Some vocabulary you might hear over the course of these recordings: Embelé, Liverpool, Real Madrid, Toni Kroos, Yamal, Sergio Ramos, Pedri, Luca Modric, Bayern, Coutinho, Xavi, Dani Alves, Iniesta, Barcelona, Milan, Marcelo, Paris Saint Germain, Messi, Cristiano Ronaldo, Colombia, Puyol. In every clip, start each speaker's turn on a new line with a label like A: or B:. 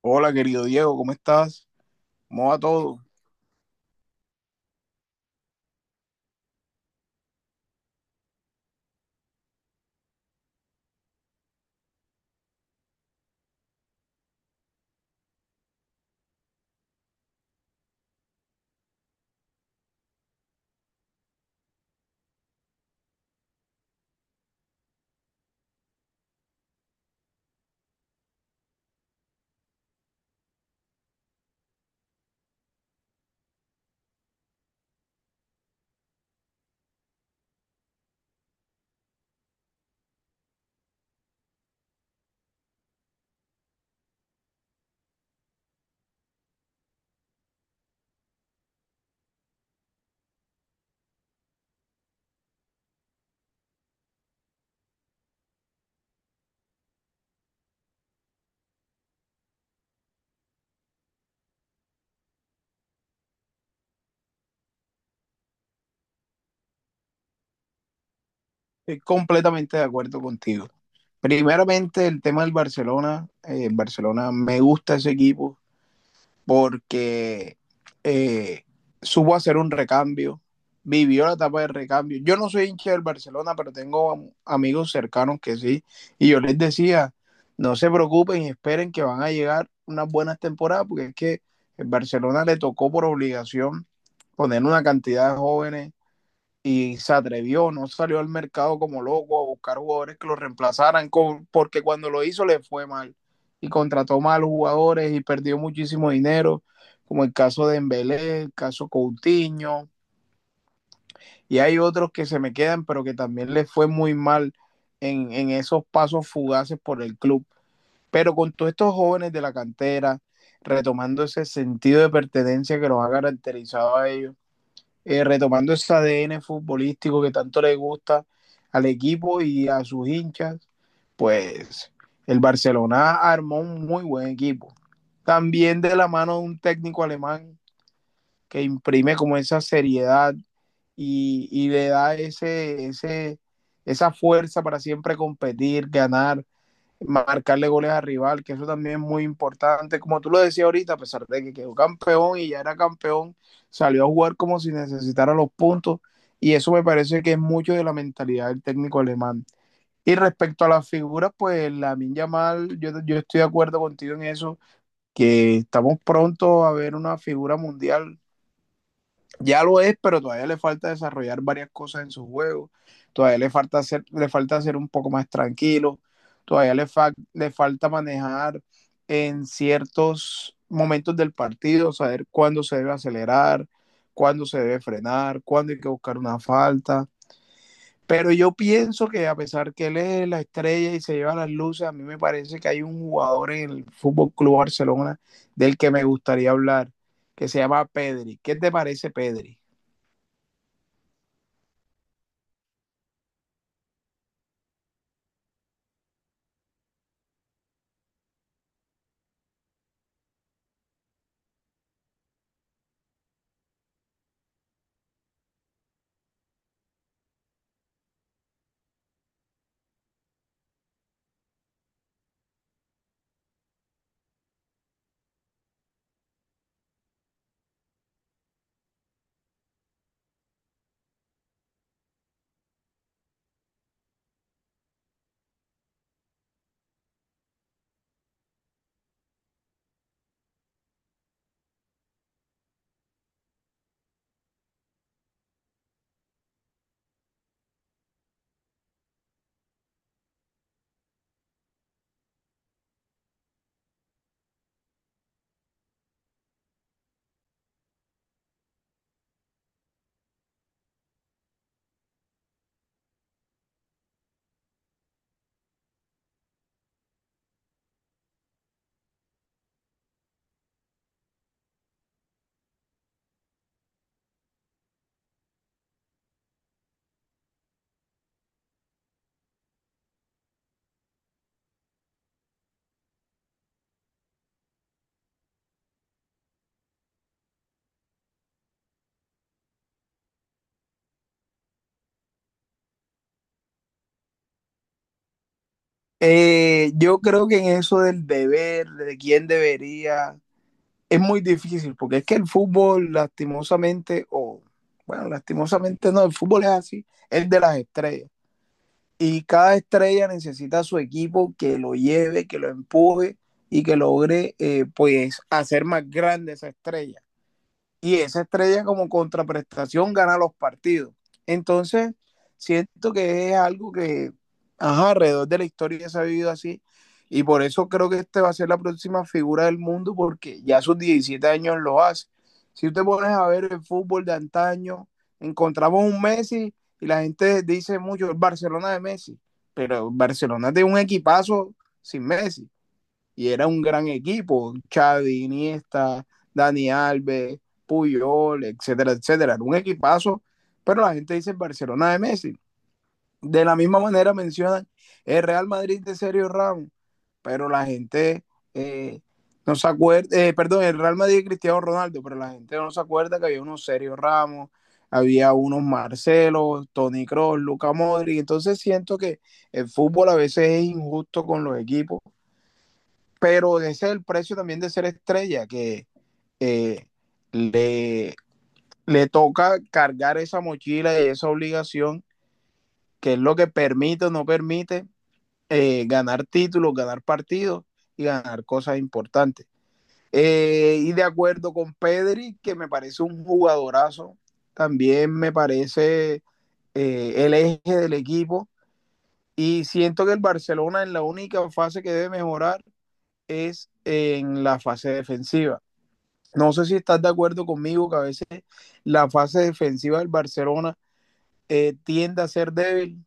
A: Hola, querido Diego, ¿cómo estás? ¿Cómo va todo? Estoy completamente de acuerdo contigo. Primeramente, el tema del Barcelona. Barcelona me gusta ese equipo porque eh, supo hacer un recambio, vivió la etapa de recambio. Yo no soy hincha del Barcelona, pero tengo amigos cercanos que sí. Y yo les decía, no se preocupen y esperen que van a llegar unas buenas temporadas, porque es que el Barcelona le tocó por obligación poner una cantidad de jóvenes y se atrevió, no salió al mercado como loco a buscar jugadores que lo reemplazaran, porque cuando lo hizo le fue mal y contrató malos jugadores y perdió muchísimo dinero, como el caso de Embelé, el caso Coutinho, y hay otros que se me quedan, pero que también le fue muy mal en esos pasos fugaces por el club. Pero con todos estos jóvenes de la cantera, retomando ese sentido de pertenencia que los ha caracterizado a ellos, retomando ese ADN futbolístico que tanto le gusta al equipo y a sus hinchas, pues el Barcelona armó un muy buen equipo. También de la mano de un técnico alemán que imprime como esa seriedad y le da esa fuerza para siempre competir, ganar, marcarle goles al rival, que eso también es muy importante. Como tú lo decías ahorita, a pesar de que quedó campeón y ya era campeón, salió a jugar como si necesitara los puntos y eso me parece que es mucho de la mentalidad del técnico alemán. Y respecto a las figuras, pues la Yamal, yo estoy de acuerdo contigo en eso, que estamos pronto a ver una figura mundial ya lo es, pero todavía le falta desarrollar varias cosas en su juego. Todavía le falta ser un poco más tranquilo. Todavía le falta manejar en ciertos momentos del partido, saber cuándo se debe acelerar, cuándo se debe frenar, cuándo hay que buscar una falta. Pero yo pienso que a pesar que él es la estrella y se lleva las luces, a mí me parece que hay un jugador en el Fútbol Club Barcelona del que me gustaría hablar, que se llama Pedri. ¿Qué te parece, Pedri? Yo creo que en eso del deber, de quién debería, es muy difícil, porque es que el fútbol, lastimosamente, o bueno, lastimosamente no, el fútbol es así, es de las estrellas. Y cada estrella necesita a su equipo que lo lleve, que lo empuje y que logre pues hacer más grande esa estrella y esa estrella como contraprestación gana los partidos. Entonces, siento que es algo que ajá, alrededor de la historia se ha vivido así y por eso creo que este va a ser la próxima figura del mundo porque ya a sus 17 años lo hace. Si usted pones a ver el fútbol de antaño, encontramos un Messi y la gente dice mucho el Barcelona de Messi, pero el Barcelona es de un equipazo sin Messi y era un gran equipo, Xavi, Iniesta, Dani Alves, Puyol, etcétera, etcétera, era un equipazo, pero la gente dice el Barcelona de Messi. De la misma manera mencionan el Real Madrid de Sergio Ramos, pero la gente eh, no se acuerda, perdón, el Real Madrid de Cristiano Ronaldo, pero la gente no se acuerda que había unos Sergio Ramos, había unos Marcelo, Toni Kroos, Luca Modric, entonces siento que el fútbol a veces es injusto con los equipos pero ese es el precio también de ser estrella, que eh, le, le toca cargar esa mochila y esa obligación, que es lo que permite o no permite ganar títulos, ganar partidos y ganar cosas importantes. Y de acuerdo con Pedri, que me parece un jugadorazo, también me parece el eje del equipo. Y siento que el Barcelona en la única fase que debe mejorar es en la fase defensiva. No sé si estás de acuerdo conmigo que a veces la fase defensiva del Barcelona tiende a ser débil.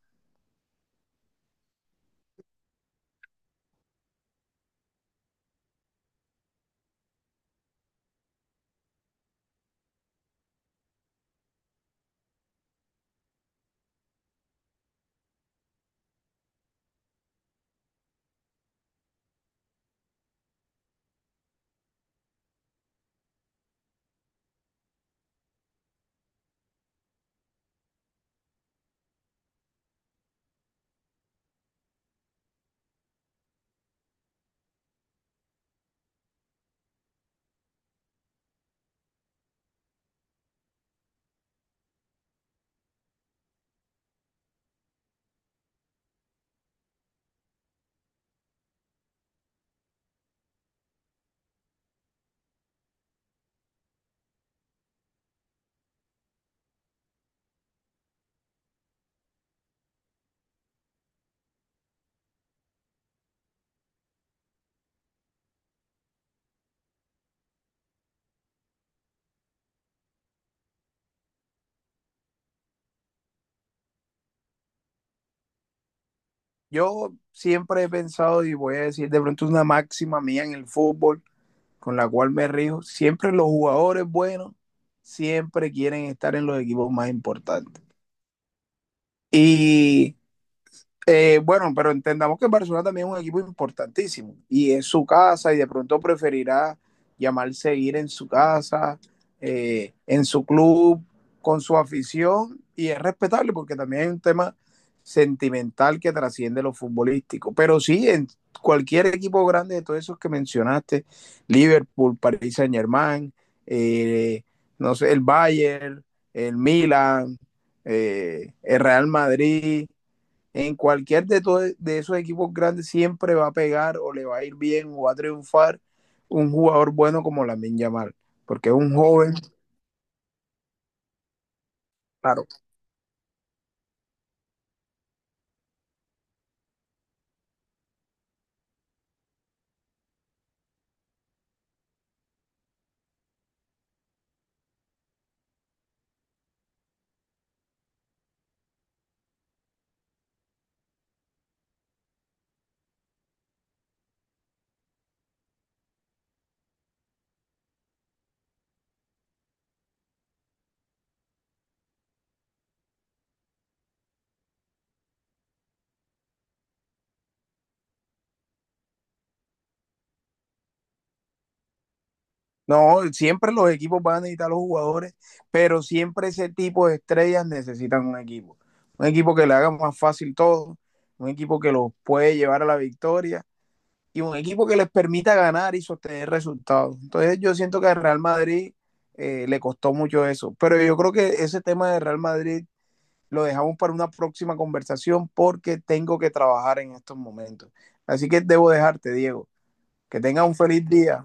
A: Yo siempre he pensado y voy a decir de pronto una máxima mía en el fútbol con la cual me rijo. Siempre los jugadores buenos siempre quieren estar en los equipos más importantes. Y bueno, pero entendamos que Barcelona también es un equipo importantísimo y es su casa y de pronto preferirá llamarse ir en su casa, en su club, con su afición y es respetable porque también hay un tema sentimental que trasciende lo futbolístico. Pero sí, en cualquier equipo grande de todos esos que mencionaste, Liverpool, Paris Saint Germain, eh, no sé, el Bayern, el Milan, el Real Madrid en de esos equipos grandes siempre va a pegar o le va a ir bien o va a triunfar un jugador bueno como Lamine Yamal, porque es un joven, claro. No, siempre los equipos van a necesitar a los jugadores, pero siempre ese tipo de estrellas necesitan un equipo. Un equipo que le haga más fácil todo, un equipo que los puede llevar a la victoria y un equipo que les permita ganar y sostener resultados. Entonces yo siento que al Real Madrid le costó mucho eso, pero yo creo que ese tema de Real Madrid lo dejamos para una próxima conversación porque tengo que trabajar en estos momentos. Así que debo dejarte, Diego. Que tengas un feliz día.